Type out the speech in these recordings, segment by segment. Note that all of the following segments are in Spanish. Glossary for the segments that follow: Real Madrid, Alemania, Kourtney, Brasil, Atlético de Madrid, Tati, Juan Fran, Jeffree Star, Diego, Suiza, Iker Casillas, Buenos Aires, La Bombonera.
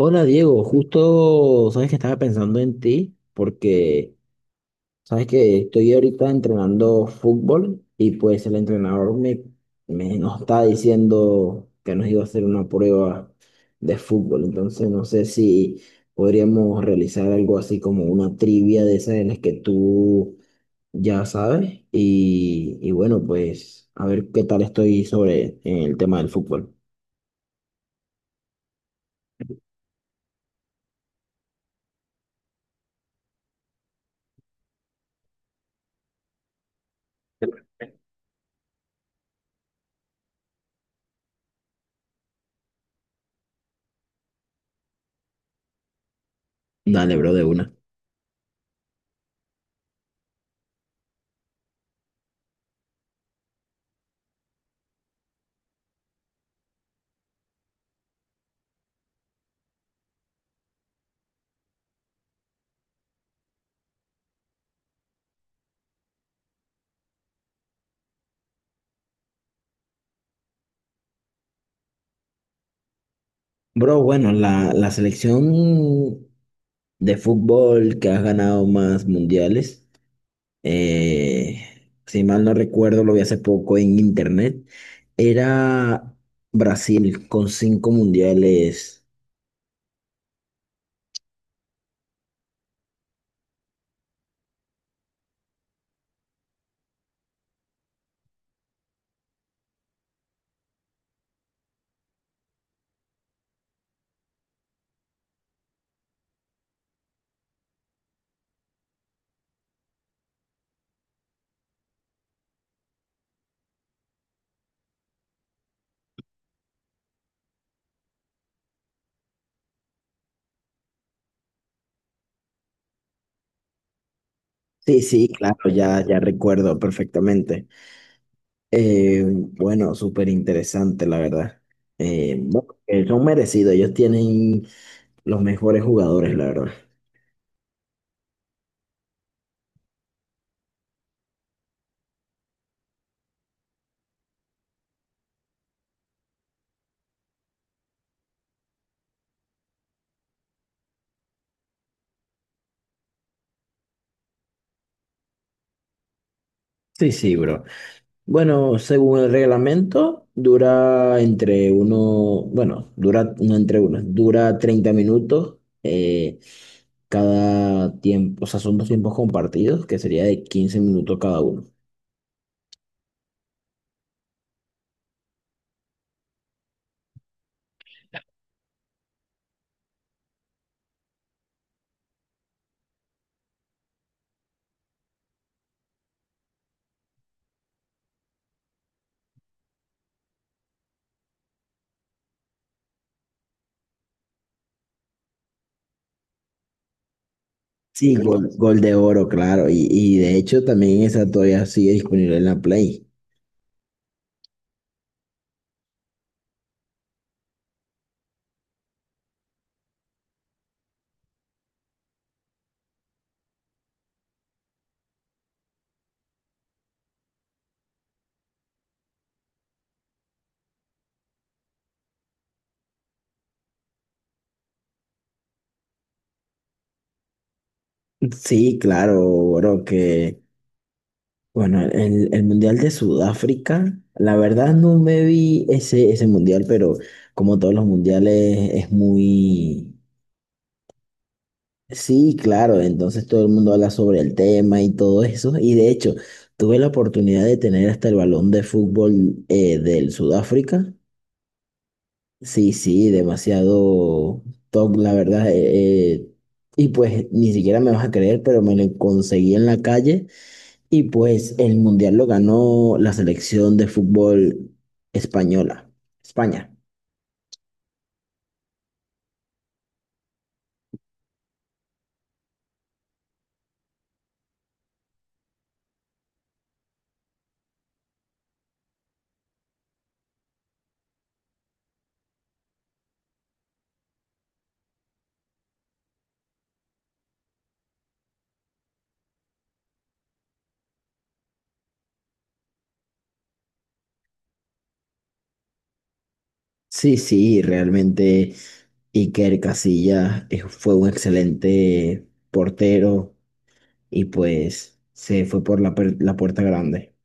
Hola Diego, justo sabes que estaba pensando en ti porque sabes que estoy ahorita entrenando fútbol y pues el entrenador me nos está diciendo que nos iba a hacer una prueba de fútbol. Entonces no sé si podríamos realizar algo así como una trivia de esas en las que tú ya sabes, y bueno, pues a ver qué tal estoy sobre el tema del fútbol. Dale, bro, de una. Bro, bueno, la selección de fútbol que has ganado más mundiales. Eh, si mal no recuerdo, lo vi hace poco en internet. Era Brasil con cinco mundiales. Sí, sí, claro, ya, ya recuerdo perfectamente. Bueno, súper interesante, la verdad. Bueno, son merecidos, ellos tienen los mejores jugadores, la verdad. Sí, sí, bro. Bueno, según el reglamento, dura entre uno, bueno, dura, no, entre uno, dura 30 minutos eh, cada tiempo. O sea, son dos tiempos compartidos, que sería de 15 minutos cada uno. Sí, gol de oro, claro, y de hecho también esa todavía sigue disponible en la Play. Sí, claro, bro. Que Bueno, el Mundial de Sudáfrica, la verdad no me vi ese mundial, pero como todos los mundiales es muy... Sí, claro. Entonces todo el mundo habla sobre el tema y todo eso. Y de hecho, tuve la oportunidad de tener hasta el balón de fútbol, del Sudáfrica. Sí, sí, demasiado top, la verdad. Y pues ni siquiera me vas a creer, pero me lo conseguí en la calle. Y pues el mundial lo ganó la selección de fútbol española, España. Sí, sí, realmente Iker Casillas, fue un excelente portero, y pues se fue por la puerta grande.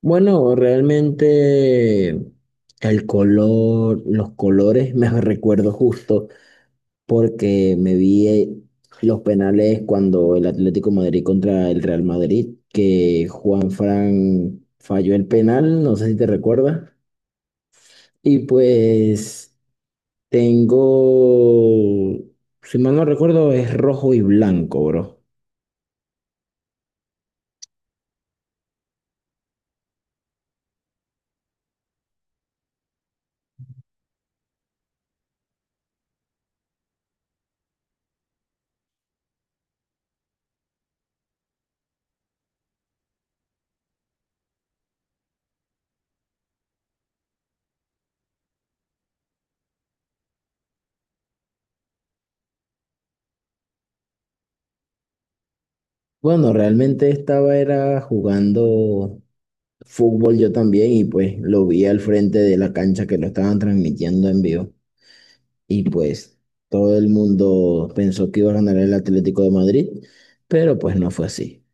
Bueno, realmente el color, los colores me recuerdo justo porque me vi, los penales cuando el Atlético de Madrid contra el Real Madrid, que Juan Fran falló el penal, no sé si te recuerdas. Y pues tengo, si mal no recuerdo, es rojo y blanco, bro. Bueno, realmente estaba era jugando fútbol yo también, y pues lo vi al frente de la cancha, que lo estaban transmitiendo en vivo. Y pues todo el mundo pensó que iba a ganar el Atlético de Madrid, pero pues no fue así.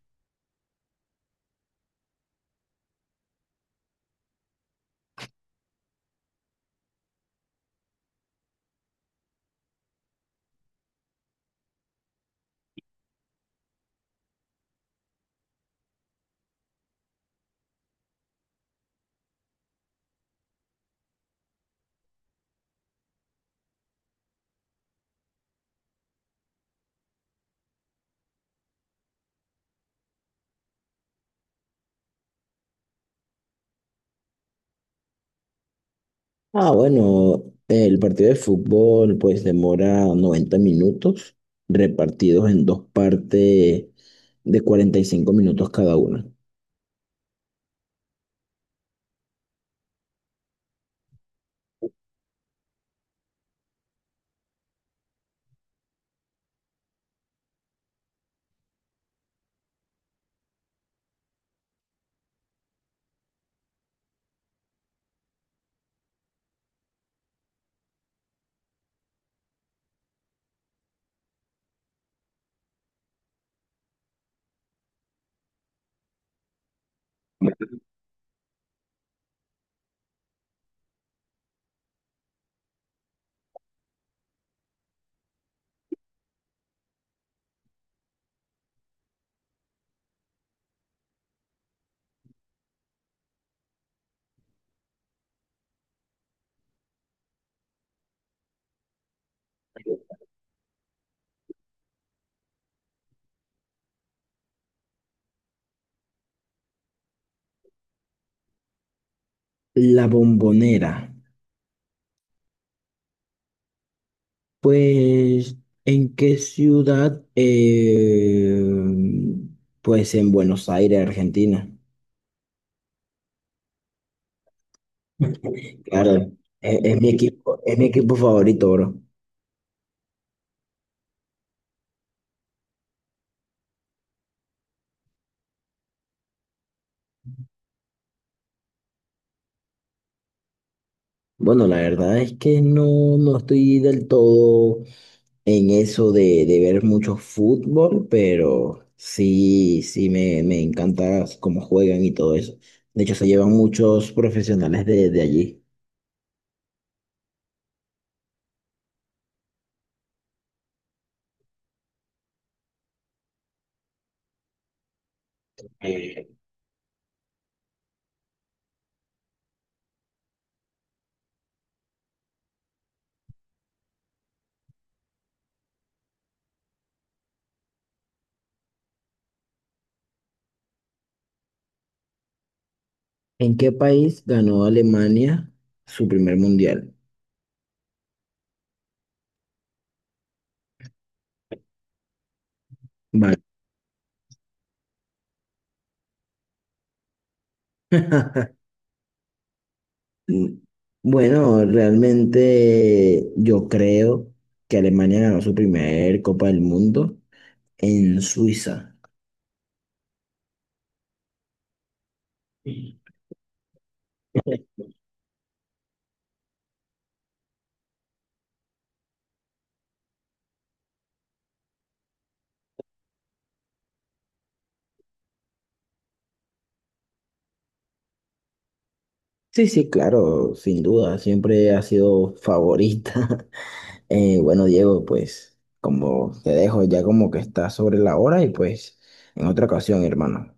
Ah, bueno, el partido de fútbol pues demora 90 minutos, repartidos en dos partes de 45 minutos cada una. La Bombonera. Pues, ¿en qué ciudad? Pues en Buenos Aires, Argentina. Claro, es mi equipo, es mi equipo favorito, bro. Bueno, la verdad es que no, no estoy del todo en eso de ver mucho fútbol, pero sí, sí, me encanta cómo juegan y todo eso. De hecho, se llevan muchos profesionales de allí. ¿En qué país ganó Alemania su primer mundial? Vale. Mm, Bueno, realmente yo creo que Alemania ganó su primer Copa del Mundo en Suiza. Sí, sí, claro, sin duda, siempre ha sido favorita. Bueno, Diego, pues como te dejo ya como que está sobre la hora, y pues en otra ocasión, hermano.